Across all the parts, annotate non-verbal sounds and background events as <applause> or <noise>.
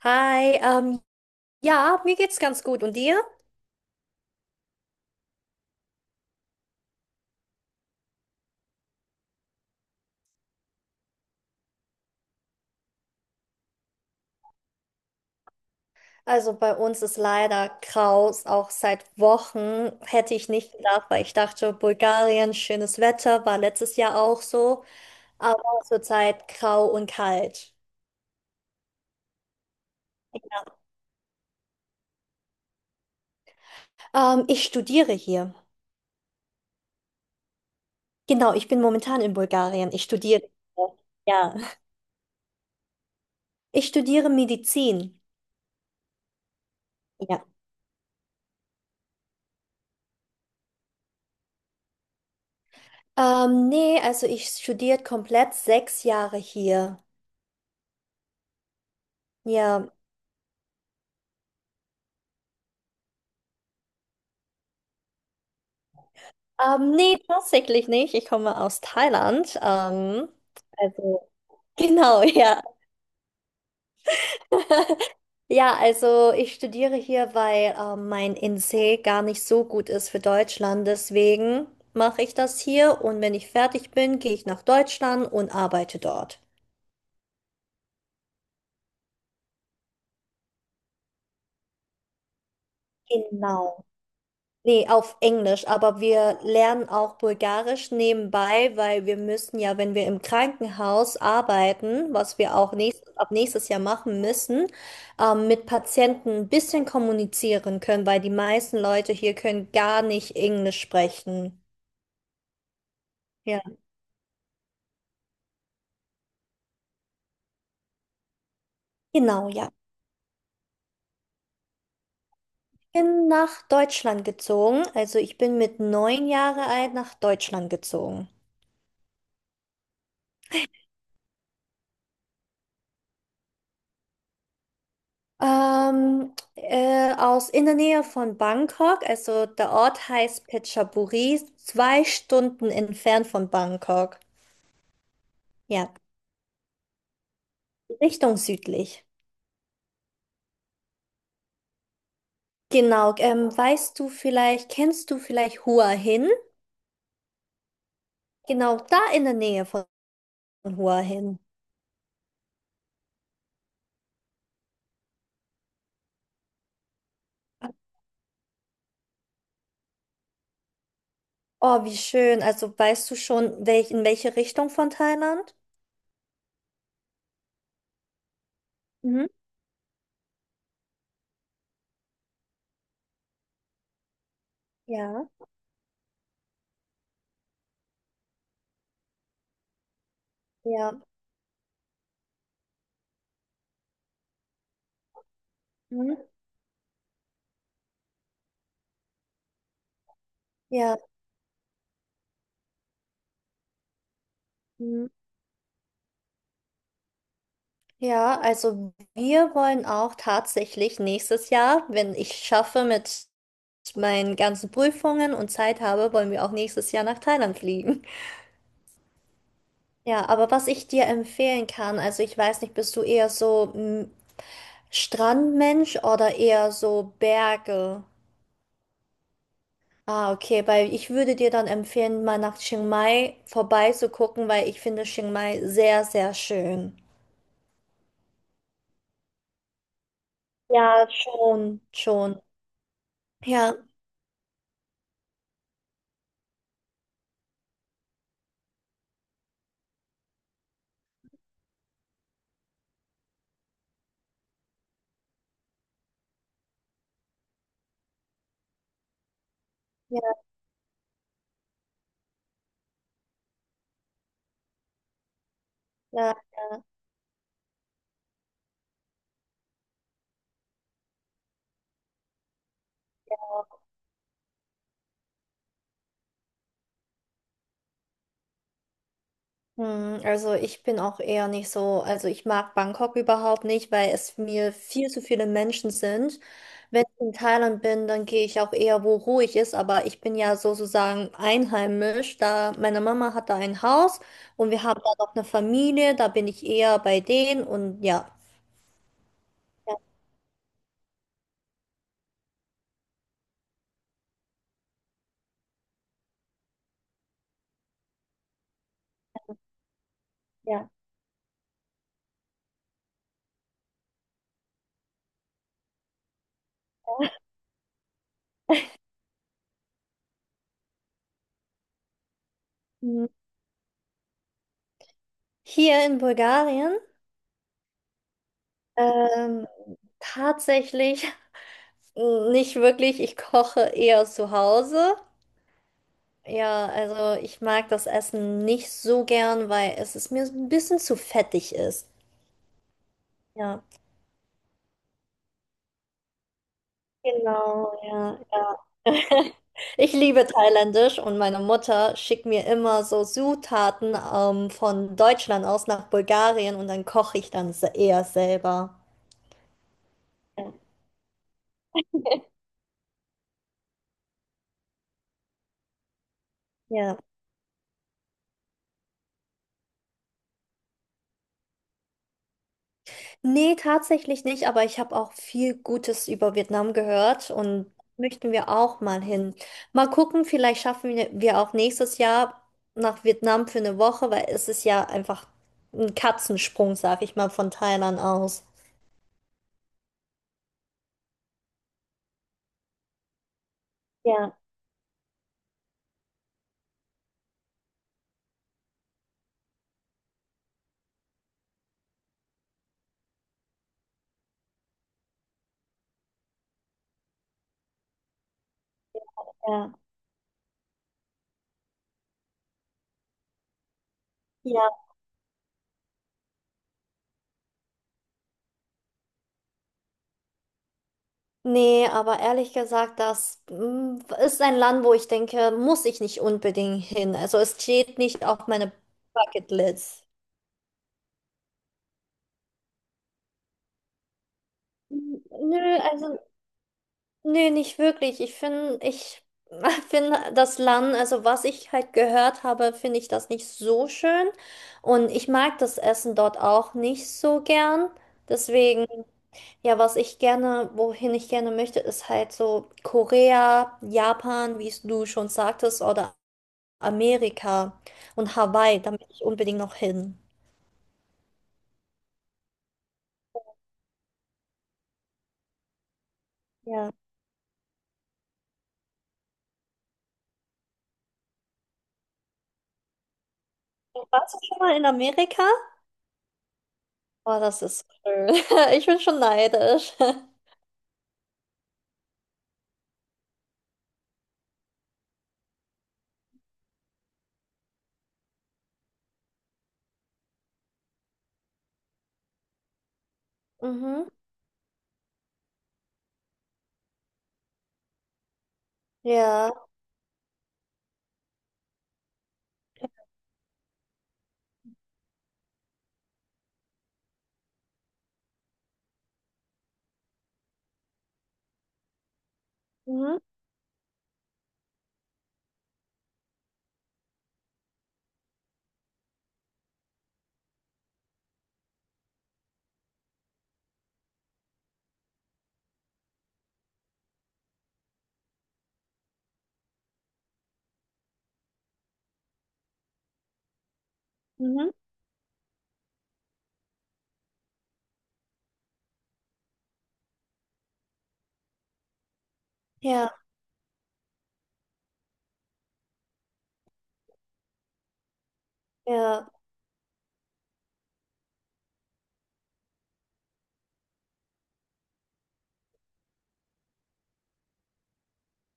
Hi, ja, mir geht's ganz gut. Und dir? Also bei uns ist leider Kraus, auch seit Wochen hätte ich nicht gedacht, weil ich dachte, Bulgarien, schönes Wetter, war letztes Jahr auch so, aber zurzeit grau und kalt. Ich studiere hier. Genau, ich bin momentan in Bulgarien. Ich studiere. Ja, ich studiere Medizin. Ja. Nee, also ich studiere komplett 6 Jahre hier. Ja. Nee, tatsächlich nicht. Ich komme aus Thailand. Also, genau, ja. <laughs> Ja, also ich studiere hier, weil mein NC gar nicht so gut ist für Deutschland. Deswegen mache ich das hier und wenn ich fertig bin, gehe ich nach Deutschland und arbeite dort. Genau. Nee, auf Englisch, aber wir lernen auch Bulgarisch nebenbei, weil wir müssen ja, wenn wir im Krankenhaus arbeiten, was wir auch nächst, ab nächstes Jahr machen müssen, mit Patienten ein bisschen kommunizieren können, weil die meisten Leute hier können gar nicht Englisch sprechen. Ja. Genau, ja. Ich bin nach Deutschland gezogen. Also ich bin mit 9 Jahre alt nach Deutschland gezogen. Aus in der Nähe von Bangkok, also der Ort heißt Phetchaburi, 2 Stunden entfernt von Bangkok. Ja, Richtung südlich. Genau, weißt du vielleicht, kennst du vielleicht Hua Hin? Genau, da in der Nähe von Hua Hin. Oh, wie schön. Also weißt du schon, welch, in welche Richtung von Thailand? Mhm. Ja, ja, mhm. Ja. Mhm. Ja, also wir wollen auch tatsächlich nächstes Jahr, wenn ich schaffe mit meinen ganzen Prüfungen und Zeit habe, wollen wir auch nächstes Jahr nach Thailand fliegen. <laughs> Ja, aber was ich dir empfehlen kann, also ich weiß nicht, bist du eher so Strandmensch oder eher so Berge? Ah, okay, weil ich würde dir dann empfehlen, mal nach Chiang Mai vorbeizugucken, weil ich finde Chiang Mai sehr, sehr schön. Ja, schon, schon. Ja, ja, ja. Hm, also ich bin auch eher nicht so, also ich mag Bangkok überhaupt nicht, weil es mir viel zu viele Menschen sind. Wenn ich in Thailand bin, dann gehe ich auch eher, wo ruhig ist, aber ich bin ja sozusagen einheimisch, da meine Mama hat da ein Haus und wir haben da noch eine Familie, da bin ich eher bei denen und ja. Ja. Hm. Hier in Bulgarien, ähm, tatsächlich <laughs> nicht wirklich, ich koche eher zu Hause. Ja, also ich mag das Essen nicht so gern, weil es ist mir so ein bisschen zu fettig ist. Ja, genau, ja, ja. <laughs> Ich liebe Thailändisch und meine Mutter schickt mir immer so Zutaten von Deutschland aus nach Bulgarien und dann koche ich dann eher selber. Ja. Nee, tatsächlich nicht, aber ich habe auch viel Gutes über Vietnam gehört und möchten wir auch mal hin. Mal gucken, vielleicht schaffen wir auch nächstes Jahr nach Vietnam für 1 Woche, weil es ist ja einfach ein Katzensprung, sag ich mal, von Thailand aus. Ja, ja, ja. Nee, aber ehrlich gesagt, ist ein Land, wo ich denke, muss ich nicht unbedingt hin. Also es steht nicht auf meiner Bucketlist. Nö, also Nee, nicht wirklich. Ich finde, ich <laughs> finde das Land, also was ich halt gehört habe, finde ich das nicht so schön. Und ich mag das Essen dort auch nicht so gern. Deswegen, ja, was ich gerne, wohin ich gerne möchte, ist halt so Korea, Japan, wie es du schon sagtest, oder Amerika und Hawaii. Da möchte ich unbedingt noch hin. Ja. Warst du schon mal in Amerika? Oh, das ist schön. <laughs> Ich bin schon neidisch. <laughs> Mhm. Ja. Mhm. Mhm. Ja, ja,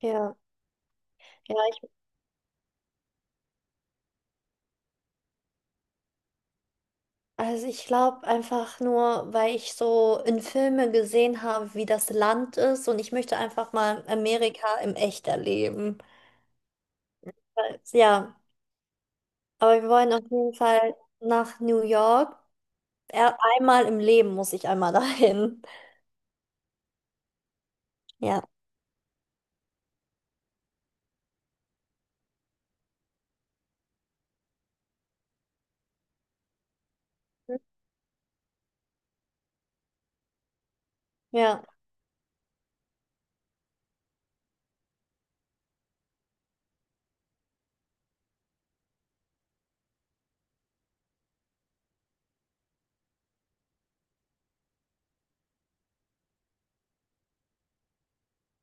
ja, ja. Ich, also ich glaube einfach nur, weil ich so in Filmen gesehen habe, wie das Land ist und ich möchte einfach mal Amerika im Echt erleben. Ja, aber wir wollen auf jeden Fall nach New York. Einmal im Leben muss ich einmal <laughs> dahin. Ja, ja,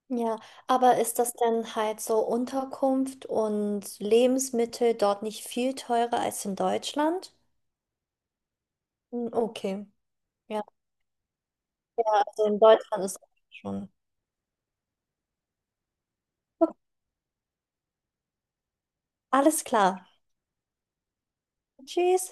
ja. Aber ist das denn halt so Unterkunft und Lebensmittel dort nicht viel teurer als in Deutschland? Hm, okay. Ja. Ja, also in Deutschland ist es schon. Okay, alles klar. Tschüss.